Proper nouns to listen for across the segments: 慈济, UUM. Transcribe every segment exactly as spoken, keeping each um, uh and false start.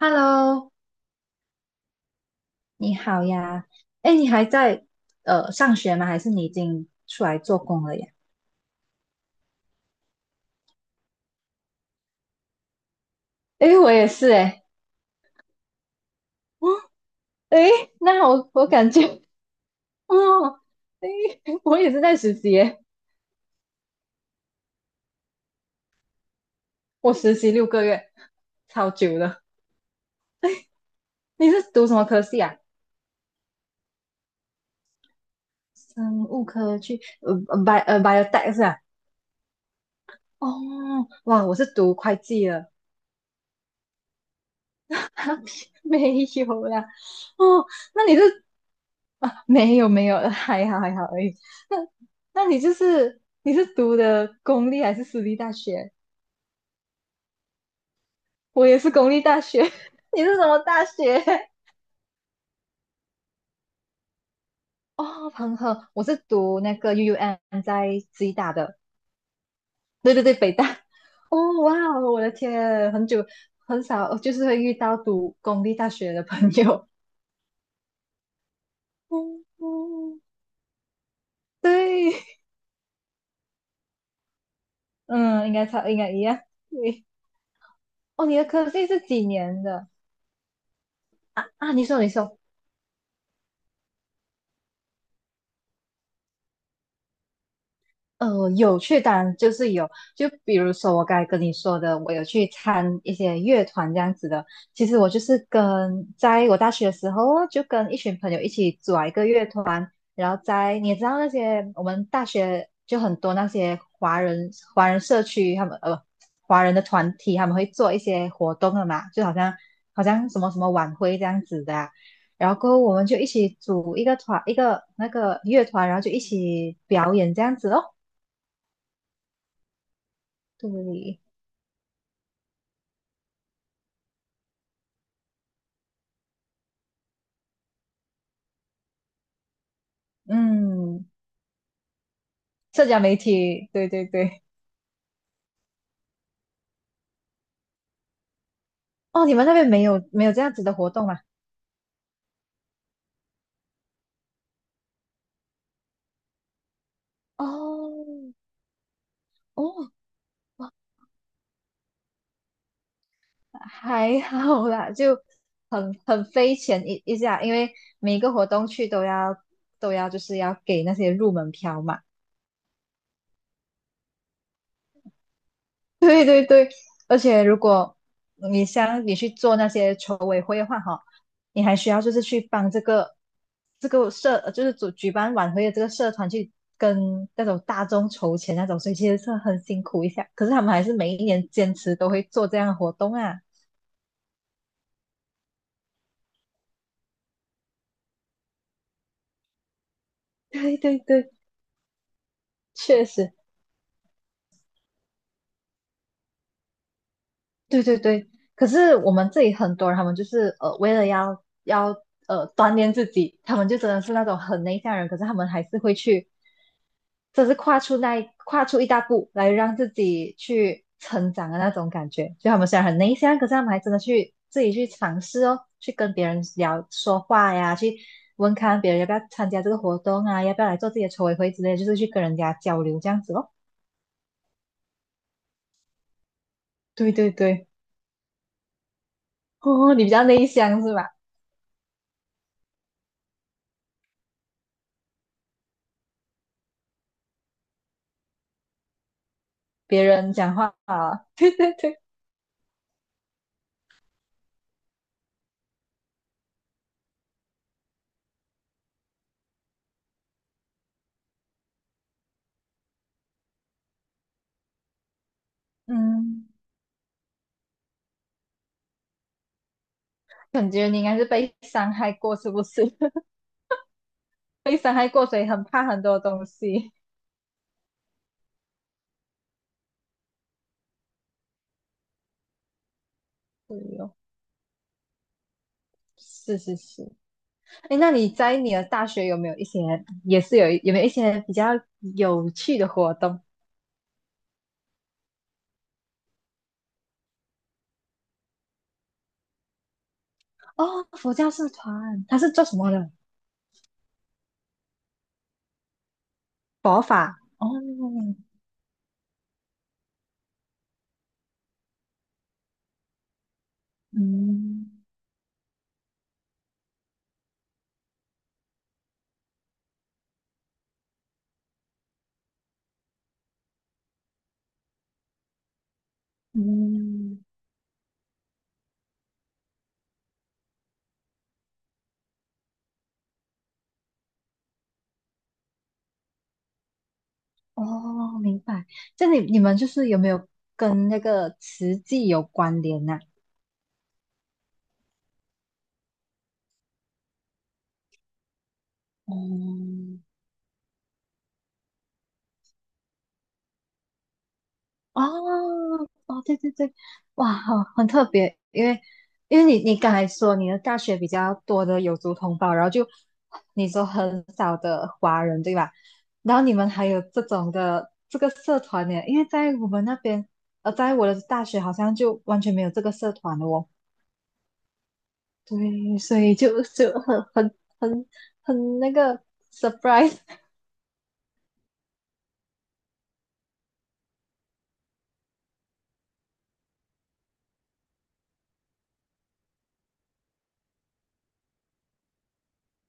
Hello，你好呀。哎，你还在呃上学吗？还是你已经出来做工了呀？哎，我也是哎。哎，那我我感觉，哦，哎，我也是在实习耶。我实习六个月，超久了。你是读什么科系啊？生物科去呃呃 bio 呃 biotech 是吧。哦，哇，我是读会计的。没有啦。哦，那你是？啊，没有没有，还好还好而已。那那你就是你是读的公立还是私立大学？我也是公立大学，你是什么大学？哦，彭亨，我是读那个 U U M 在吉大的，对对对，北大。哦，哇哦我的天，很久很少，就是会遇到读公立大学的朋友。嗯嗯，对，嗯，应该差，应该一样。对，哦，你的科系是几年的？啊啊，你说你说，呃，有去，当然就是有。就比如说我刚才跟你说的，我有去参一些乐团这样子的。其实我就是跟在我大学的时候哦，就跟一群朋友一起组了一个乐团。然后在你也知道那些我们大学就很多那些华人华人社区，他们呃华人的团体，他们会做一些活动的嘛，就好像好像什么什么晚会这样子的啊。然后过后我们就一起组一个团，一个那个乐团，然后就一起表演这样子哦。对，嗯，社交媒体，对对对。哦，你们那边没有没有这样子的活动吗？哦，还好啦，就很很费钱一一下，因为每一个活动去都要都要就是要给那些入门票嘛。对对对，而且如果你像你去做那些筹委会的话，哈，你还需要就是去帮这个这个社，就是主举办晚会的这个社团去跟那种大众筹钱那种，所以其实是很辛苦一下。可是他们还是每一年坚持都会做这样的活动啊。对对对，确实，对对对。可是我们这里很多人，他们就是呃，为了要要呃锻炼自己，他们就真的是那种很内向的人，可是他们还是会去。这是跨出那一跨出一大步来让自己去成长的那种感觉。就他们虽然很内向，可是他们还真的去自己去尝试哦，去跟别人聊说话呀，去问看别人要不要参加这个活动啊，要不要来做自己的筹委会之类的就是去跟人家交流这样子咯。对对对，哦，你比较内向是吧？别人讲话啊，对对。嗯，感觉你应该是被伤害过，是不是？被伤害过，所以很怕很多东西。对哦，是是是。哎，那你在你的大学有没有一些，也是有有没有一些比较有趣的活动？哦，佛教社团，它是做什么的？佛法。哦，嗯嗯，哦，明白。这你你们就是有没有跟那个慈济有关联呢？哦，哦哦，对对对，哇，好，很特别，因为因为你你刚才说你的大学比较多的有族同胞，然后就你说很少的华人，对吧？然后你们还有这种的这个社团呢，因为在我们那边，呃，在我的大学好像就完全没有这个社团了哦。对，所以就就很很很很那个 surprise。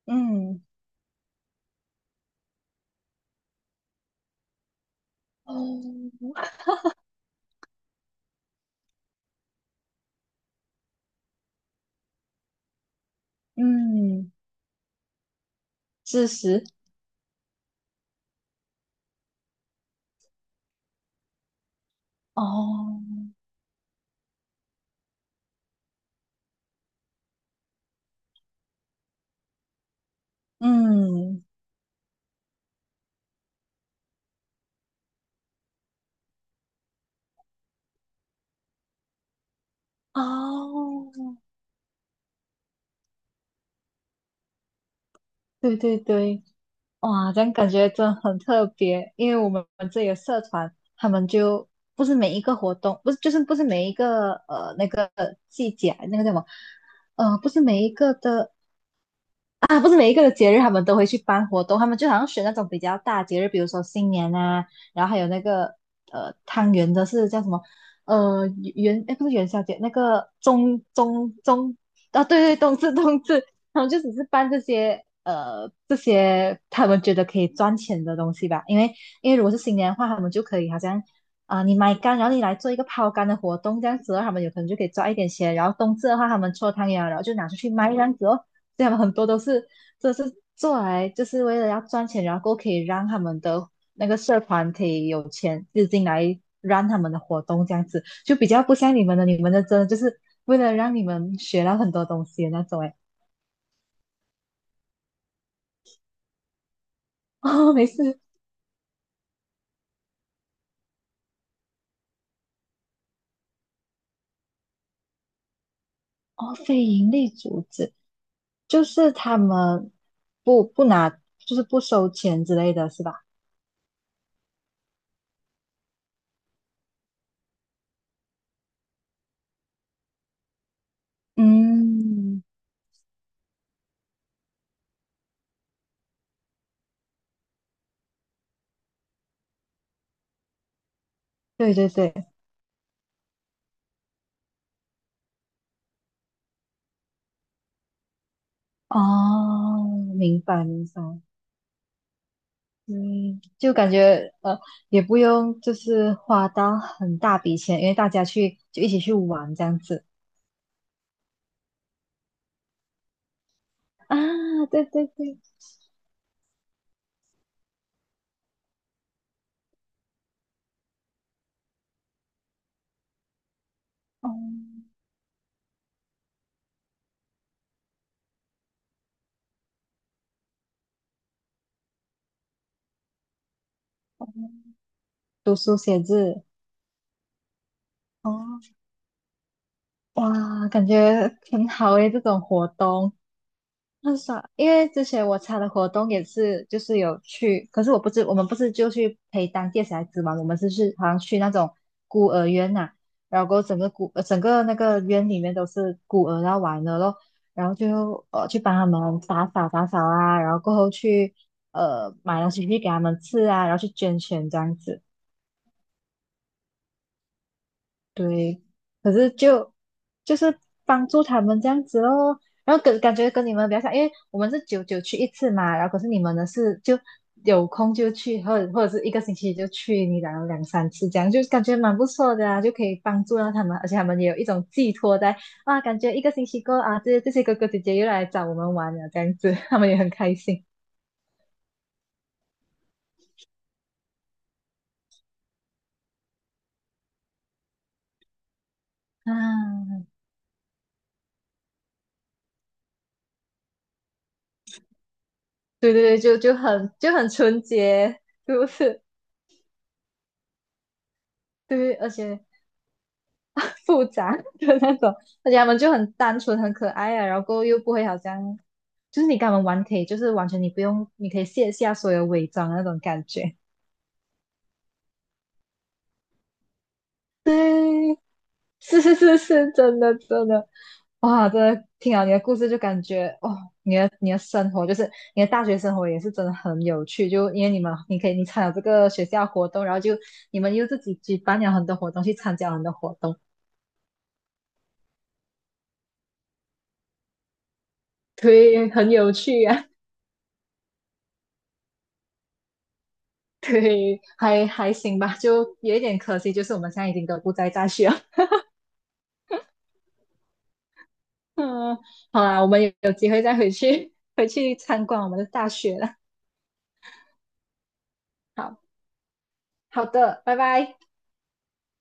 嗯，哦，嗯，事实，哦，嗯。哦，对对对，哇，这样感觉真的很特别，因为我们这里的社团，他们就不是每一个活动，不是就是不是每一个呃那个季节，那个叫什么，呃，不是每一个的啊，不是每一个的节日他们都会去办活动，他们就好像选那种比较大节日，比如说新年啊，然后还有那个呃汤圆的是叫什么？呃元哎不是元宵节，那个中中中。啊对对，冬至冬至，他们就只是办这些呃这些他们觉得可以赚钱的东西吧，因为因为如果是新年的话，他们就可以好像。啊，你买干，然后你来做一个抛竿的活动，这样子的话他们有可能就可以赚一点钱。然后冬至的话，他们搓汤圆啊然后就拿出去卖这样子哦。这样很多都是这是做来就是为了要赚钱，然后可以让他们的那个社团可以有钱资金来让他们的活动这样子，就比较不像你们的，你们的真的就是为了让你们学到很多东西的那种哎。哦，没事。哦，非盈利组织就是他们不不拿，就是不收钱之类的是吧？嗯，对对对，哦，明白明白。嗯，就感觉呃，也不用就是花到很大笔钱，因为大家去就一起去玩这样子啊，对对对，哦，读书写字，哦，哇，感觉很好诶，这种活动，很少，因为之前我参的活动也是，就是有去，可是我不是，我们不是就去陪当地的小孩子嘛，我们是去好像去那种孤儿院呐、然后整个孤呃整个那个院里面都是孤儿要玩的咯，然后就呃去帮他们打扫打扫啊，然后过后去呃买东西去给他们吃啊，然后去捐钱这样子。对，可是就就是帮助他们这样子哦，然后跟感觉跟你们比较像，因为我们是久久去一次嘛，然后可是你们呢是就有空就去，或者或者是一个星期就去，你然后两三次这样，就感觉蛮不错的啊，就可以帮助到他们，而且他们也有一种寄托在啊，感觉一个星期过啊，这这些哥哥姐姐又来找我们玩了这样子，他们也很开心啊，对对对，就就很就很纯洁，是不是？对，而且。复杂的那种，而且他们就很单纯、很可爱啊，然后又不会好像，就是你跟他们玩可以，就是完全你不用，你可以卸下所有伪装的那种感觉。对，是是是是，真的真的，哇，真的听了你的故事就感觉，哦，你的你的生活就是你的大学生活也是真的很有趣，就因为你们你可以你参加这个学校活动，然后就你们又自己举办了很多活动，去参加很多活动，对，很有趣啊。对，嘿，还还行吧，就有一点可惜，就是我们现在已经都不在大学了。嗯，好啦，我们有有机会再回去回去参观我们的大学了。好好的，拜拜。